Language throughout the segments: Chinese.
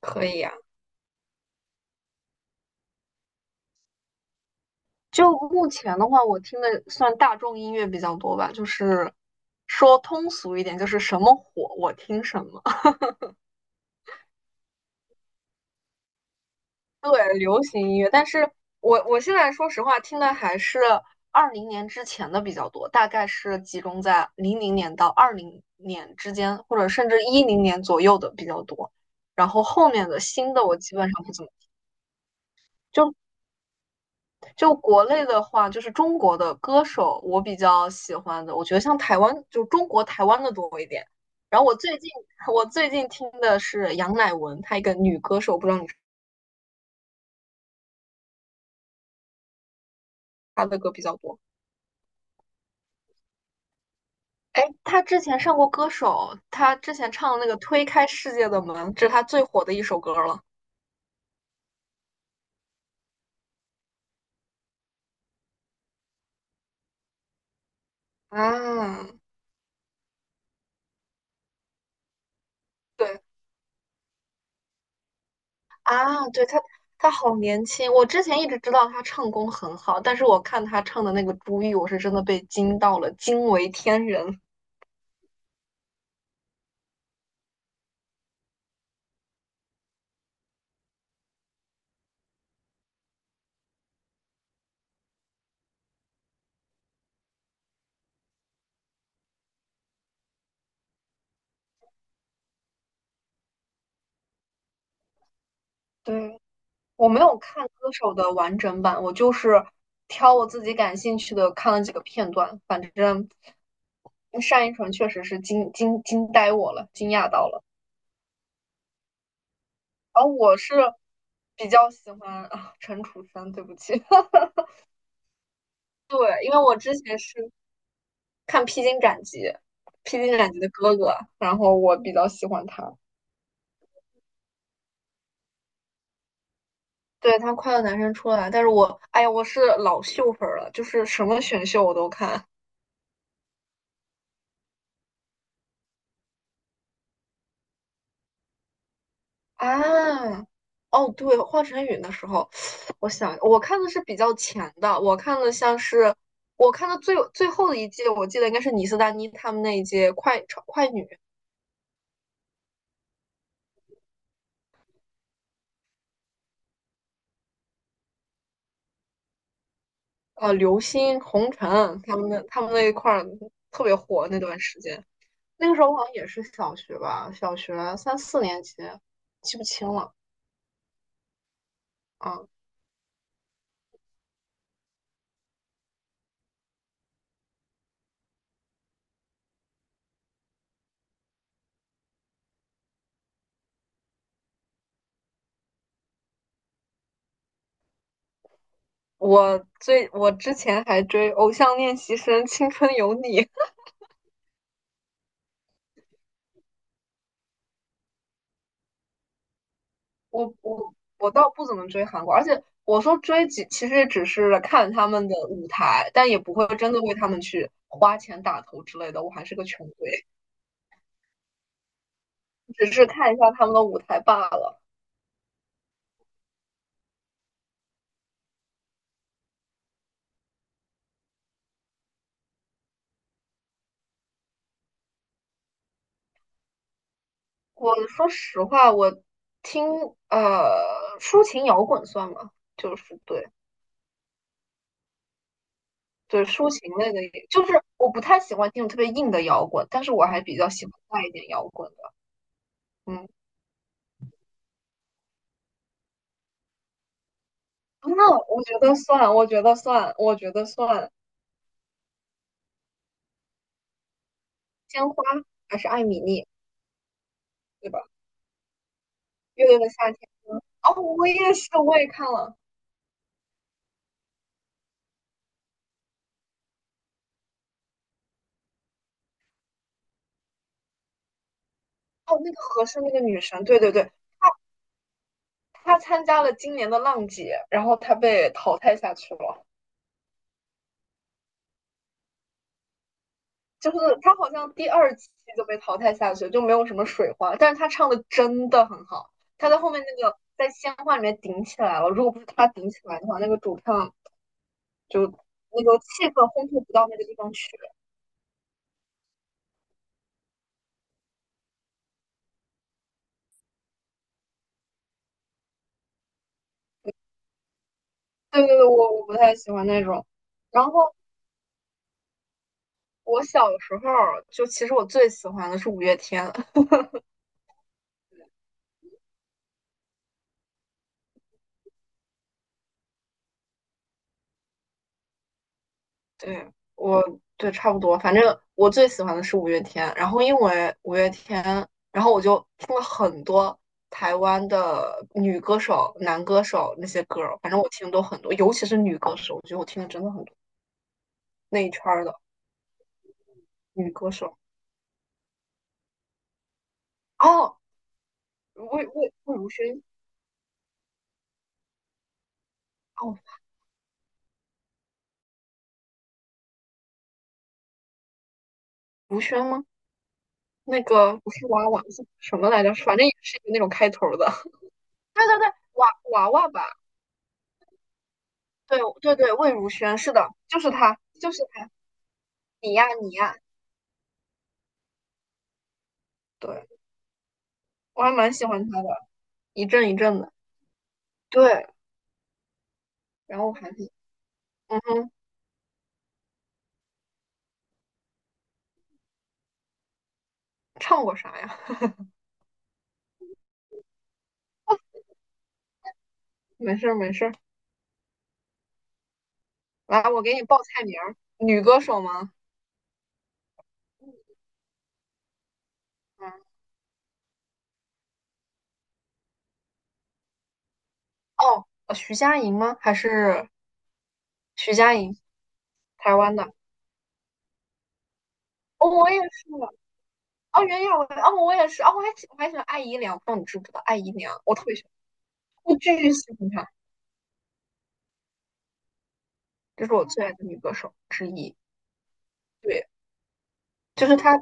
可以呀。就目前的话，我听的算大众音乐比较多吧，就是说通俗一点，就是什么火我听什么。对，流行音乐，但是我现在说实话，听的还是二零年之前的比较多，大概是集中在00年到二零年之间，或者甚至10年左右的比较多。然后后面的新的我基本上不怎么，就就国内的话，就是中国的歌手，我比较喜欢的，我觉得像台湾，就中国台湾的多一点。然后我最近听的是杨乃文，她一个女歌手，不知道你。她的歌比较多。哎，她之前上过歌手，她之前唱的那个《推开世界的门》，这是她最火的一首歌了。啊，对啊，对，她好年轻，我之前一直知道她唱功很好，但是我看她唱的那个《朱玉》，我是真的被惊到了，惊为天人。对。我没有看歌手的完整版，我就是挑我自己感兴趣的看了几个片段。反正单依纯确实是惊呆我了，惊讶到了。然后我是比较喜欢啊陈楚生，对不起，对，因为我之前是看《披荆斩棘》，《披荆斩棘》的哥哥，然后我比较喜欢他。对他快乐男生出来，但是我，哎呀，我是老秀粉儿了，就是什么选秀我都看。啊，哦，对，华晨宇的时候，我想我看的是比较前的，我看的像是我看的最后的一季，我记得应该是倪斯丹妮他们那一届快女，呃，刘星、红尘他们那一块儿特别火那段时间，那个时候我好像也是小学吧，小学三四年级，记不清了啊。我之前还追《偶像练习生》《青春有你》。我我我倒不怎么追韩国，而且我说追几，其实只是看他们的舞台，但也不会真的为他们去花钱打头之类的。我还是个穷鬼，只是看一下他们的舞台罢了。我说实话，我听抒情摇滚算吗？就是对，对抒情类的也，就是我不太喜欢听特别硬的摇滚，但是我还比较喜欢带一点摇滚的。嗯，那我觉得算，我觉得算，我觉得算，鲜花还是艾米丽。对吧？乐队的夏天。哦，我也是，我也看了。哦，那个和珅那个女神，对对对，她参加了今年的浪姐，然后她被淘汰下去了。就是她好像第二期就被淘汰下去，就没有什么水花。但是她唱的真的很好，她在后面那个在鲜花里面顶起来了。如果不是她顶起来的话，那个主唱就那个气氛烘托不到那个地方去。对对对，我不太喜欢那种。然后我小时候就其实我最喜欢的是五月天。对，我对差不多，反正我最喜欢的是五月天，然后因为五月天，然后我就听了很多台湾的女歌手、男歌手那些歌儿，反正我听的都很多，尤其是女歌手，我觉得我听的真的很多，那一圈儿的女歌手。哦，魏如萱，哦，如萱吗？那个不是娃娃是什么来着？反正也是一个那种开头儿的。对对对，娃娃娃吧？对对对，魏如萱，是的，就是她，就是她，你呀你呀。对。我还蛮喜欢他的，一阵一阵的。对，然后我还是，嗯哼，唱过啥呀？没事没事。来，我给你报菜名儿，女歌手吗？嗯，哦，徐佳莹吗？还是徐佳莹，台湾的？哦，我也是。哦，袁娅维，哦，我也是。哦，我还喜欢艾怡良，不知道你知不知道艾怡良？我特别喜欢，我巨喜欢她，这是我最爱的女歌手之一。对，就是她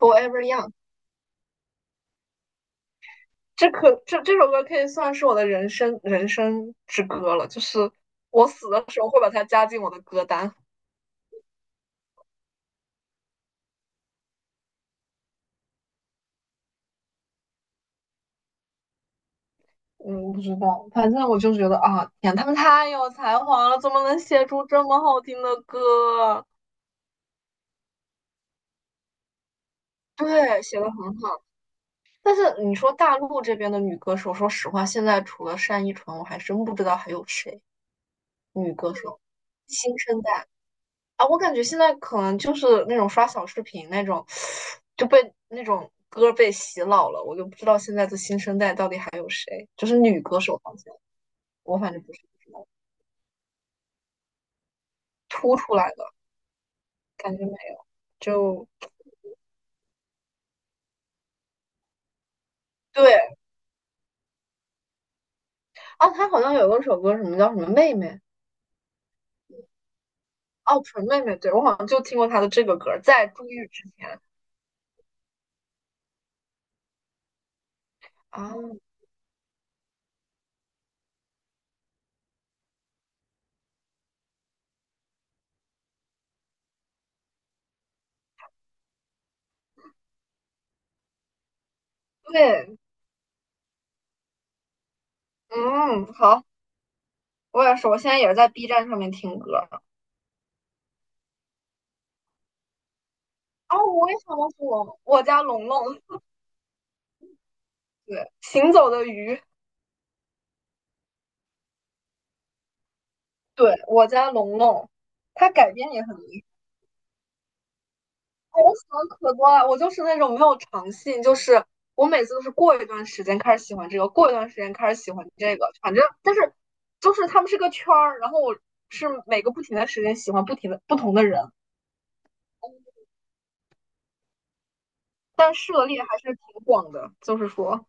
《Forever Young》。这首歌可以算是我的人生之歌了，就是我死的时候会把它加进我的歌单。嗯，不知道，反正我就觉得啊，天，他们太有才华了，怎么能写出这么好听的歌？对，写的很好。但是你说大陆这边的女歌手，说实话，现在除了单依纯，我还真不知道还有谁女歌手新生代。啊，我感觉现在可能就是那种刷小视频那种，就被那种歌被洗脑了。我就不知道现在的新生代到底还有谁，就是女歌手方面，我反正不是不知道突出来的感觉没有。就对啊，她好像有一首歌，什么叫什么妹妹哦，纯妹妹，对我好像就听过她的这个歌，在入玉之前啊，对，嗯，好，我也是，我现在也是在 B 站上面听歌。哦，我也想到是我家龙龙，对，行走的鱼。对，我家龙龙，他改编也很厉害。我喜欢可多了，我就是那种没有长性，就是我每次都是过一段时间开始喜欢这个，过一段时间开始喜欢这个，反正但是就是他们是个圈儿，然后我是每个不停的时间喜欢不停的不同的人，但涉猎还是挺广的，就是说。